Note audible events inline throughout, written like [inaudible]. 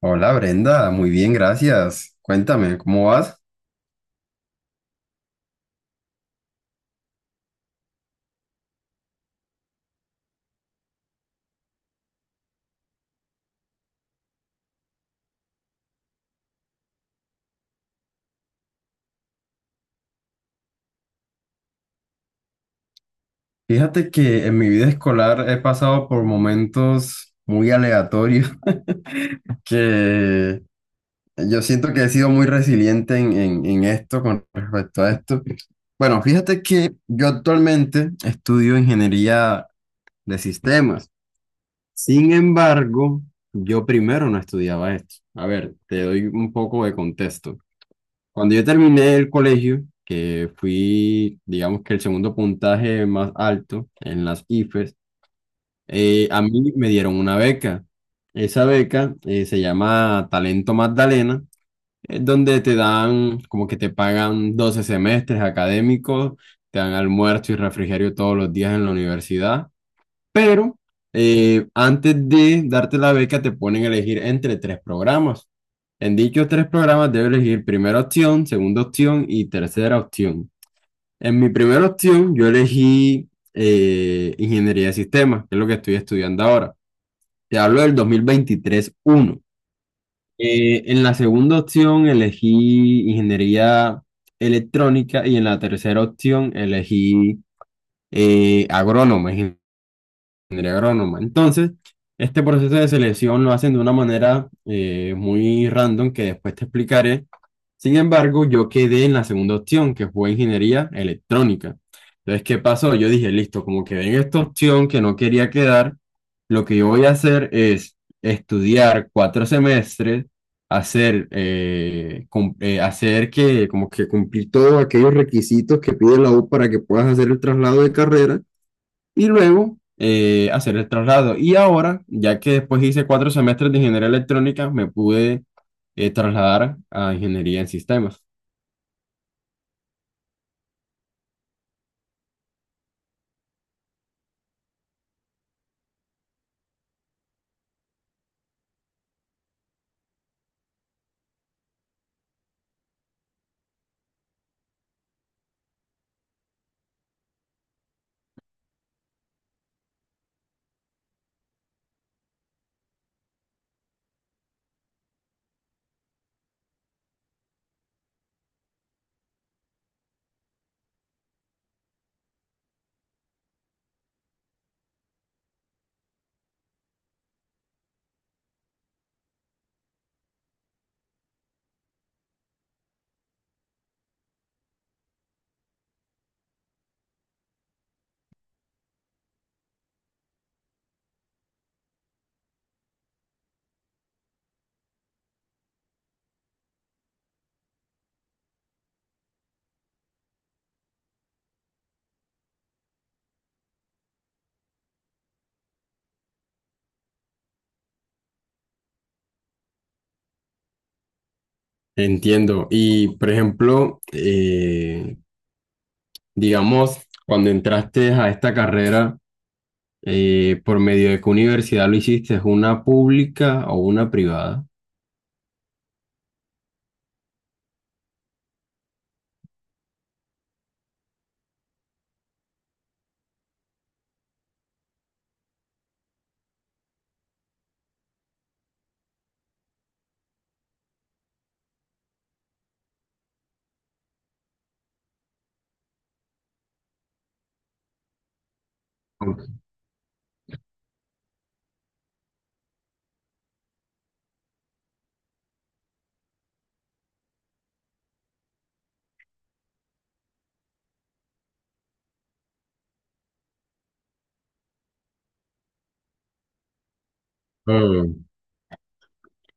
Hola Brenda, muy bien, gracias. Cuéntame, ¿cómo vas? Fíjate que en mi vida escolar he pasado por momentos muy aleatorios [laughs] que yo siento que he sido muy resiliente en esto con respecto a esto. Bueno, fíjate que yo actualmente estudio ingeniería de sistemas. Sin embargo, yo primero no estudiaba esto. A ver, te doy un poco de contexto. Cuando yo terminé el colegio, que fui, digamos que el segundo puntaje más alto en las IFES, a mí me dieron una beca. Esa beca se llama Talento Magdalena, es donde te dan, como que te pagan 12 semestres académicos, te dan almuerzo y refrigerio todos los días en la universidad, pero antes de darte la beca te ponen a elegir entre tres programas. En dichos tres programas debes elegir primera opción, segunda opción y tercera opción. En mi primera opción yo elegí ingeniería de sistemas, que es lo que estoy estudiando ahora. Te hablo del 2023-1. En la segunda opción elegí ingeniería electrónica y en la tercera opción elegí agrónoma, ingeniería agrónoma. Entonces, este proceso de selección lo hacen de una manera muy random que después te explicaré. Sin embargo, yo quedé en la segunda opción, que fue ingeniería electrónica. Entonces, ¿qué pasó? Yo dije, listo, como quedé en esta opción que no quería quedar, lo que yo voy a hacer es estudiar cuatro semestres, hacer, hacer que, como que cumplir todos aquellos requisitos que pide la U para que puedas hacer el traslado de carrera y luego hacer el traslado. Y ahora, ya que después hice cuatro semestres de ingeniería electrónica, me pude trasladar a ingeniería en sistemas. Entiendo. Y, por ejemplo, digamos, cuando entraste a esta carrera, ¿por medio de qué universidad lo hiciste? ¿Una pública o una privada? Ok. Mm.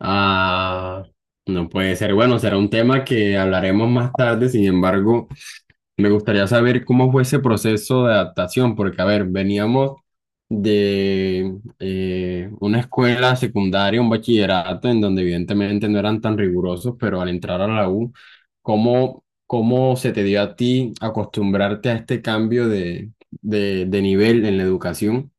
Ah, no puede ser. Bueno, será un tema que hablaremos más tarde. Sin embargo, me gustaría saber cómo fue ese proceso de adaptación, porque, a ver, veníamos de una escuela secundaria, un bachillerato, en donde evidentemente no eran tan rigurosos, pero al entrar a la U, ¿cómo se te dio a ti acostumbrarte a este cambio de nivel en la educación?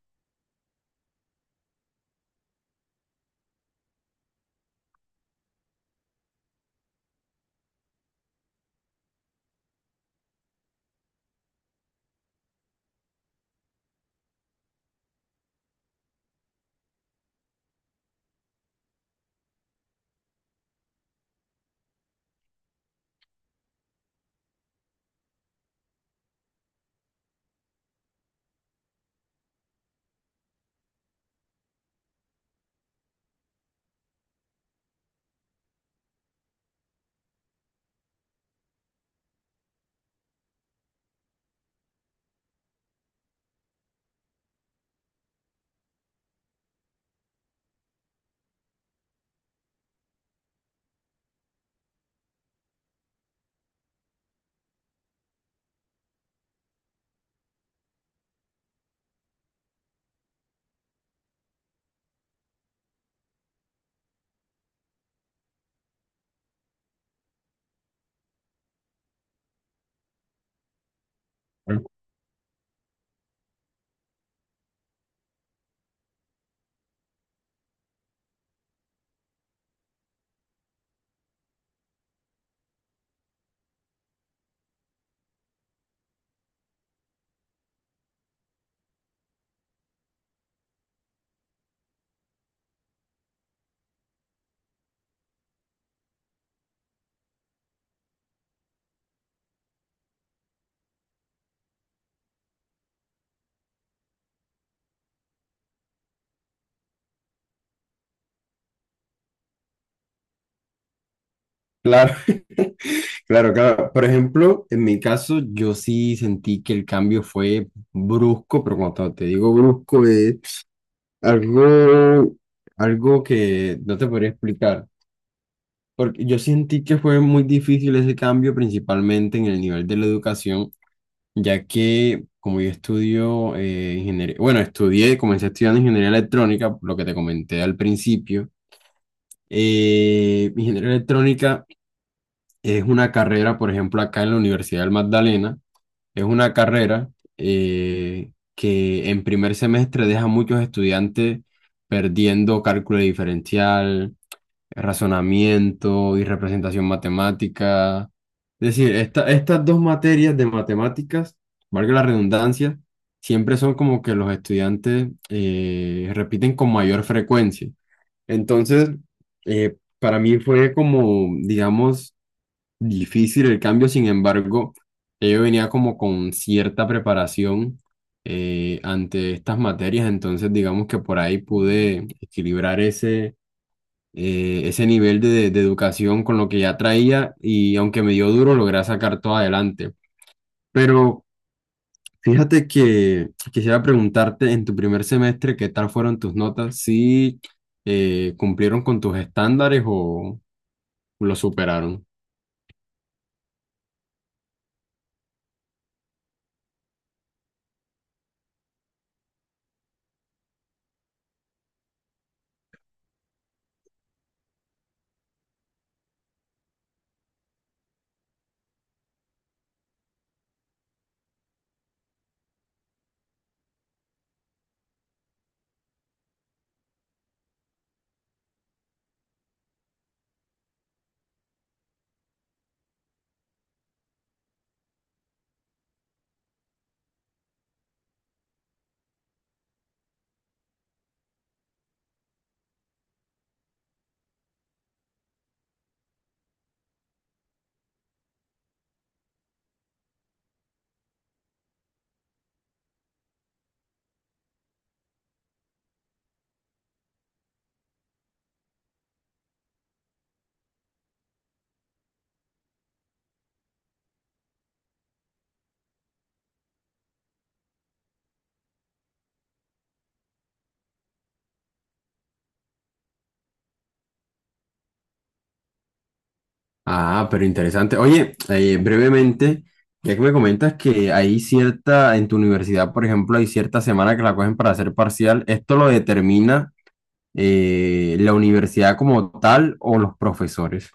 Claro, [laughs] claro, claro. Por ejemplo, en mi caso, yo sí sentí que el cambio fue brusco, pero cuando te digo brusco es Algo, algo que no te podría explicar, porque yo sentí que fue muy difícil ese cambio, principalmente en el nivel de la educación, ya que como yo estudio ingeniería, bueno, estudié, comencé estudiando ingeniería electrónica, lo que te comenté al principio. Ingeniería electrónica es una carrera, por ejemplo, acá en la Universidad del Magdalena. Es una carrera que en primer semestre deja a muchos estudiantes perdiendo cálculo diferencial, razonamiento y representación matemática. Es decir, estas dos materias de matemáticas, valga la redundancia, siempre son como que los estudiantes repiten con mayor frecuencia. Entonces, para mí fue como, digamos, difícil el cambio. Sin embargo, yo venía como con cierta preparación ante estas materias, entonces digamos que por ahí pude equilibrar ese, ese nivel de educación con lo que ya traía, y aunque me dio duro, logré sacar todo adelante. Pero fíjate que quisiera preguntarte, en tu primer semestre, ¿qué tal fueron tus notas? ¿Si cumplieron con tus estándares o lo superaron? Ah, pero interesante. Oye, brevemente, ya que me comentas que hay cierta, en tu universidad, por ejemplo, hay cierta semana que la cogen para hacer parcial, ¿esto lo determina la universidad como tal o los profesores?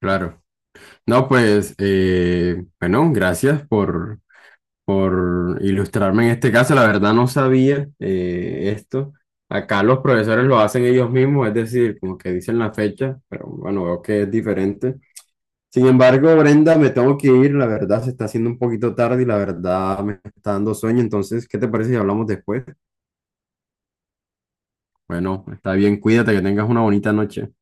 Claro. No, pues, bueno, gracias por ilustrarme en este caso. La verdad no sabía esto. Acá los profesores lo hacen ellos mismos, es decir, como que dicen la fecha, pero bueno, veo que es diferente. Sin embargo, Brenda, me tengo que ir, la verdad se está haciendo un poquito tarde y la verdad me está dando sueño, entonces, ¿qué te parece si hablamos después? Bueno, está bien, cuídate, que tengas una bonita noche.